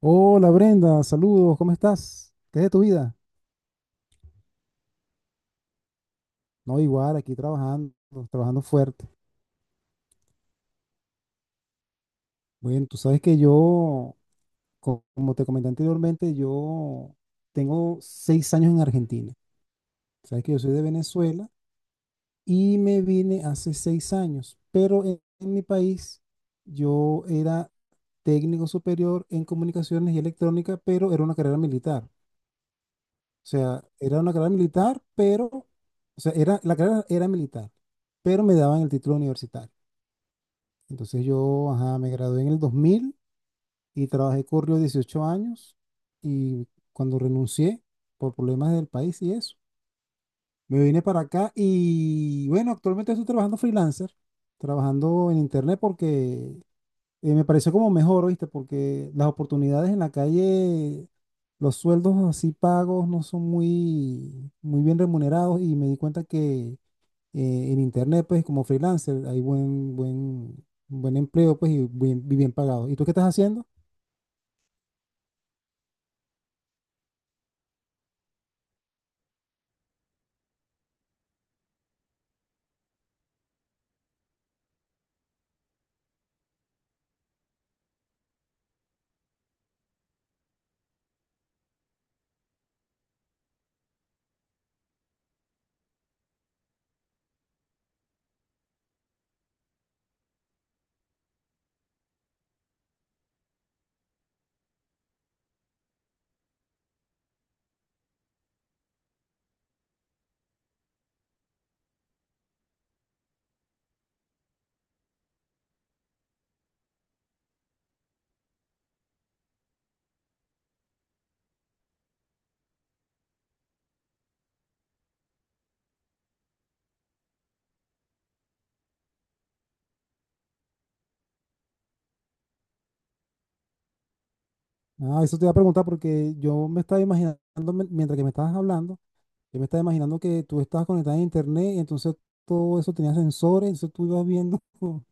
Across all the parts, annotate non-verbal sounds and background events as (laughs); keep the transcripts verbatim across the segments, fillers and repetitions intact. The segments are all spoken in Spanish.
Hola Brenda, saludos, ¿cómo estás? ¿Qué es de tu vida? No, igual, aquí trabajando, trabajando fuerte. Bueno, tú sabes que yo, co- como te comenté anteriormente, yo tengo seis años en Argentina. Sabes que yo soy de Venezuela y me vine hace seis años, pero en, en mi país yo era técnico superior en comunicaciones y electrónica, pero era una carrera militar. O sea, era una carrera militar, pero, o sea, era, la carrera era militar, pero me daban el título universitario. Entonces yo, ajá, me gradué en el dos mil y trabajé corrió dieciocho años y cuando renuncié por problemas del país y eso, me vine para acá y bueno, actualmente estoy trabajando freelancer, trabajando en internet porque eh, me pareció como mejor, ¿viste? Porque las oportunidades en la calle, los sueldos así pagos no son muy, muy bien remunerados y me di cuenta que eh, en internet, pues como freelancer, hay buen, buen, buen empleo, pues y bien, y bien pagado. ¿Y tú qué estás haciendo? Ah, eso te iba a preguntar porque yo me estaba imaginando, me- mientras que me estabas hablando, yo me estaba imaginando que tú estabas conectada a internet y entonces todo eso tenía sensores, entonces tú ibas viendo (laughs)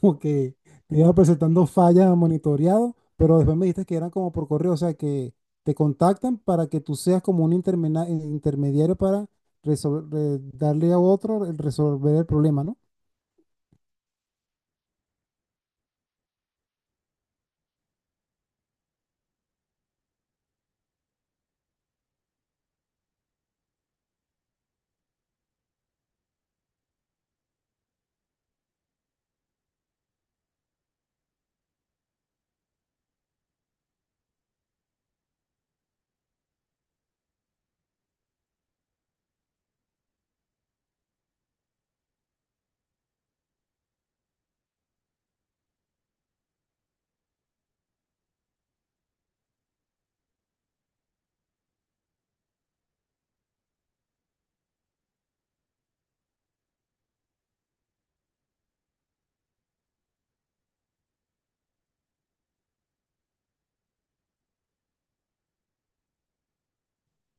como que te iba presentando fallas monitoreado, pero después me dijiste que eran como por correo, o sea, que te contactan para que tú seas como un intermena- intermediario para resol- re- darle a otro, el resolver el problema, ¿no?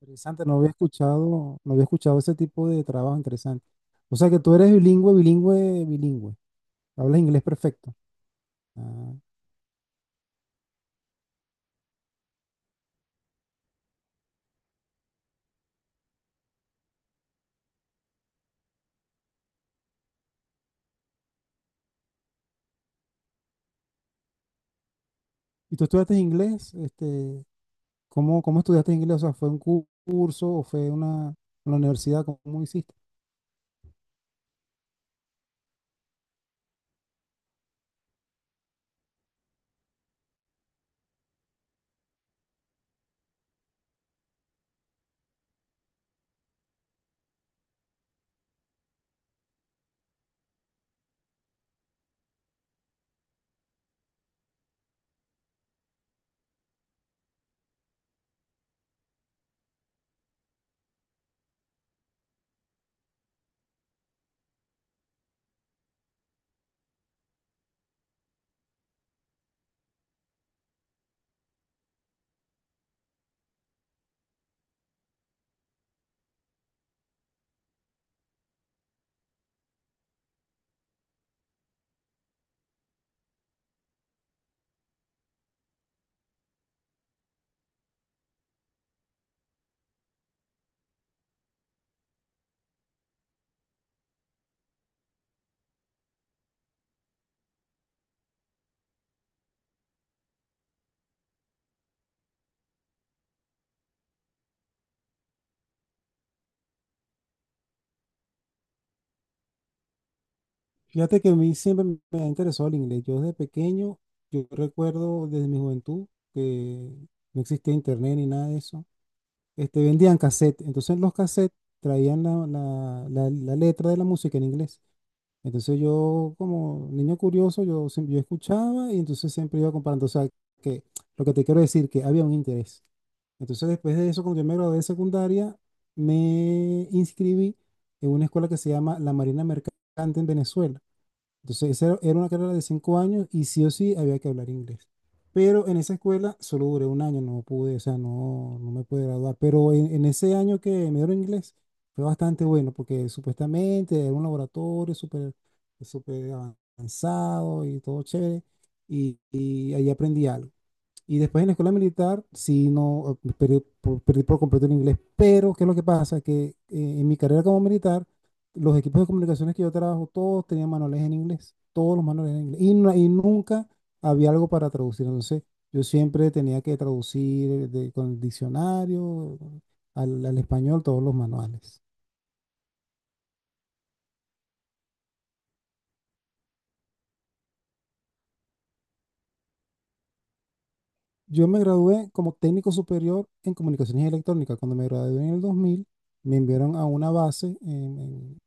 Interesante, no había escuchado, no había escuchado ese tipo de trabajo interesante. O sea que tú eres bilingüe, bilingüe, bilingüe. Hablas inglés perfecto. Ah, ¿y tú estudiaste inglés? Este, ¿cómo, cómo estudiaste inglés? O sea, ¿fue un cu- curso o fue una, en la universidad? ¿Cómo hiciste? Fíjate que a mí siempre me me ha interesado el inglés. Yo desde pequeño, yo recuerdo desde mi juventud que no existía internet ni nada de eso. Este, vendían cassette. Entonces los cassettes traían la, la- la- la letra de la música en inglés. Entonces yo como niño curioso, yo, siem- yo escuchaba y entonces siempre iba comparando. O sea, que lo que te quiero decir, que había un interés. Entonces después de eso, cuando yo me gradué de secundaria, me inscribí en una escuela que se llama La Marina Mercante en Venezuela. Entonces, esa era era una carrera de cinco años y sí o sí había que hablar inglés. Pero en esa escuela solo duré un año, no pude, o sea, no, no me pude graduar. Pero en, en ese año que me dieron inglés fue bastante bueno porque supuestamente era un laboratorio súper súper avanzado y todo chévere. Y, y ahí aprendí algo. Y después en la escuela militar, sí, no, eh, perdí por, perdí por completo el inglés. Pero, ¿qué es lo que pasa? Que eh, en mi carrera como militar, los equipos de comunicaciones que yo trabajo, todos tenían manuales en inglés. Todos los manuales en inglés. Y, no- y nunca había algo para traducir. Entonces, yo siempre tenía que traducir eh, de- con el diccionario al, al español todos los manuales. Yo me gradué como técnico superior en comunicaciones electrónicas. Cuando me gradué en el dos mil, me enviaron a una base en, en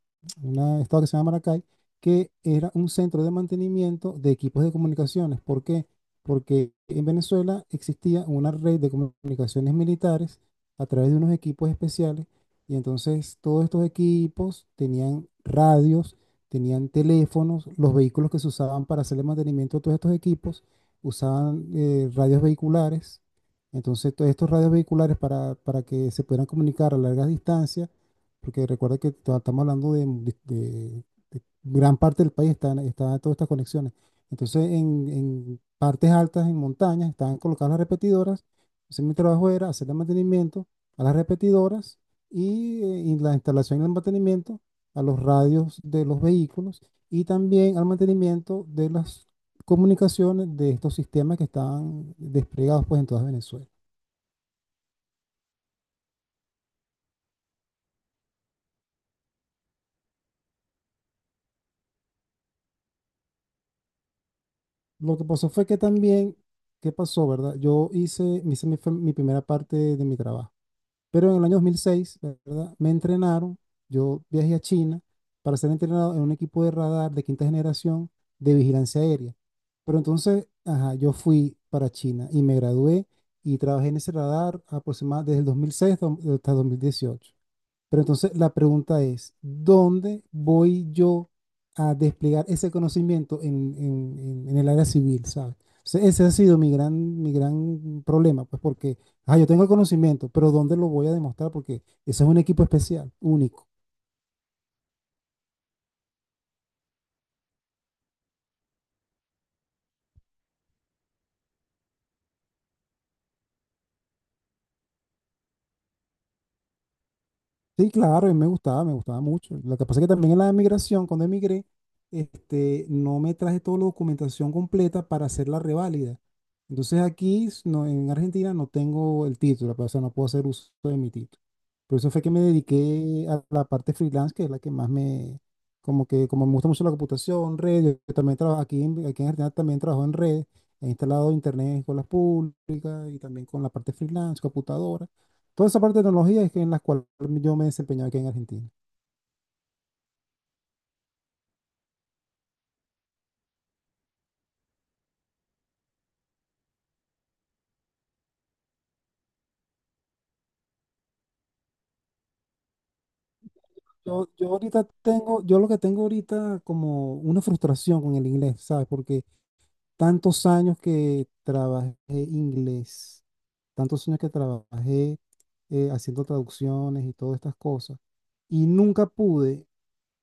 un estado que se llama Maracay, que era un centro de mantenimiento de equipos de comunicaciones. ¿Por qué? Porque en Venezuela existía una red de comunicaciones militares a través de unos equipos especiales y entonces todos estos equipos tenían radios, tenían teléfonos, los vehículos que se usaban para hacer el mantenimiento de todos estos equipos usaban eh, radios vehiculares. Entonces, todos estos radios vehiculares para, para que se pudieran comunicar a largas distancias, porque recuerda que to- estamos hablando de, de- de- de gran parte del país, están, están todas estas conexiones. Entonces, en, en partes altas, en montañas, estaban colocadas las repetidoras. Entonces, mi trabajo era hacer el mantenimiento a las repetidoras y, eh, y la instalación y el mantenimiento a los radios de los vehículos y también al mantenimiento de las comunicaciones de estos sistemas que estaban desplegados pues en toda Venezuela. Lo que pasó fue que también, ¿qué pasó, verdad? Yo hice, me hice mi, fue mi primera parte de, de mi trabajo, pero en el año dos mil seis, ¿verdad? Me entrenaron, yo viajé a China para ser entrenado en un equipo de radar de quinta generación de vigilancia aérea. Pero entonces, ajá, yo fui para China y me gradué y trabajé en ese radar aproximadamente desde el dos mil seis hasta hasta dos mil dieciocho. Pero entonces la pregunta es, ¿dónde voy yo a desplegar ese conocimiento en, en- en- en el área civil, ¿sabes? Ese ese ha sido mi gran, mi gran problema, pues porque, ah, yo tengo el conocimiento, pero ¿dónde lo voy a demostrar? Porque eso es un equipo especial, único. Sí, claro, y me gustaba, me gustaba mucho. Lo que pasa es que también en la emigración, cuando emigré, este, no me traje toda la documentación completa para hacer la reválida. Entonces aquí, s- no, en Argentina, no tengo el título, pues, o sea, no puedo hacer uso de mi título. Por eso fue que me dediqué a la parte freelance, que es la que más me, como que, como me gusta mucho la computación, redes, yo también trabajo aquí, en- aquí en Argentina también trabajo en redes, he instalado internet en escuelas públicas y también con la parte freelance, computadora. Toda esa parte de tecnología es que en la cual yo me desempeñaba aquí en Argentina. Yo, yo ahorita tengo, yo lo que tengo ahorita como una frustración con el inglés, ¿sabes? Porque tantos años que trabajé inglés, tantos años que trabajé eh, haciendo traducciones y todas estas cosas, y nunca pude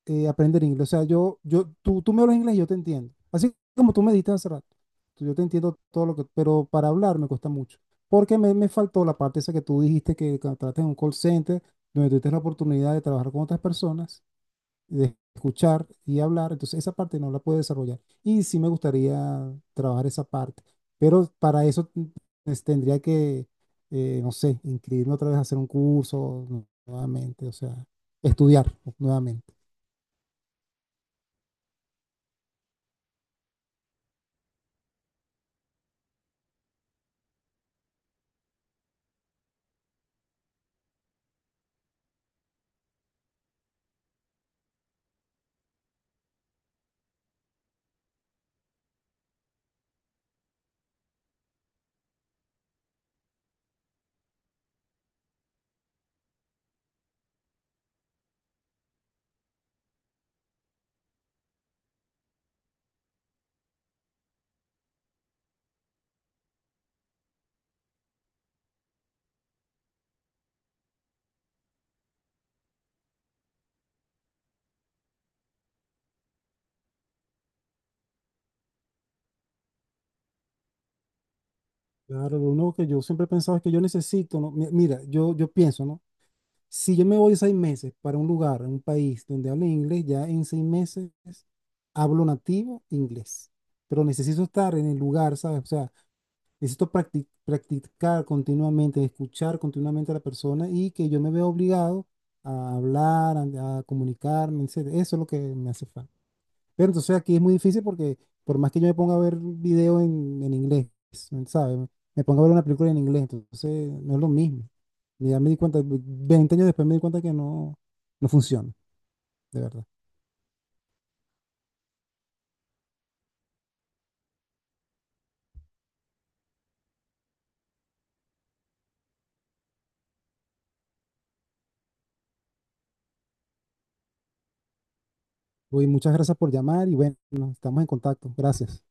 eh, aprender inglés. O sea, yo, yo, tú, tú me hablas inglés y yo te entiendo. Así como tú me diste hace rato. Tú- Yo te entiendo todo lo que, pero para hablar me cuesta mucho. Porque me, me faltó la parte esa que tú dijiste que tratas en un call center, donde tuviste la oportunidad de trabajar con otras personas, de escuchar y hablar. Entonces, esa parte no la puedo desarrollar. Y sí me gustaría trabajar esa parte. Pero para eso mm, es- tendría que, eh, no sé, inscribirme otra vez a hacer un curso nu- nuevamente, o sea, estudiar nuevamente. Claro, lo único que yo siempre he pensado es que yo necesito, ¿no? Mi- Mira, yo, yo pienso, ¿no? Si yo me voy seis meses para un lugar, un país donde hable inglés, ya en seis meses hablo nativo inglés. Pero necesito estar en el lugar, ¿sabes? O sea, necesito practi- practicar continuamente, escuchar continuamente a la persona y que yo me vea obligado a hablar, a, a comunicarme, etcétera. Eso es lo que me hace falta. Pero entonces aquí es muy difícil porque por más que yo me ponga a ver video en, en inglés, ¿sabes? Me pongo a ver una película en inglés, entonces no es lo mismo. Y ya me di cuenta, veinte años después me di cuenta que no, no funciona, de verdad. Oye, muchas gracias por llamar y bueno, estamos en contacto. Gracias.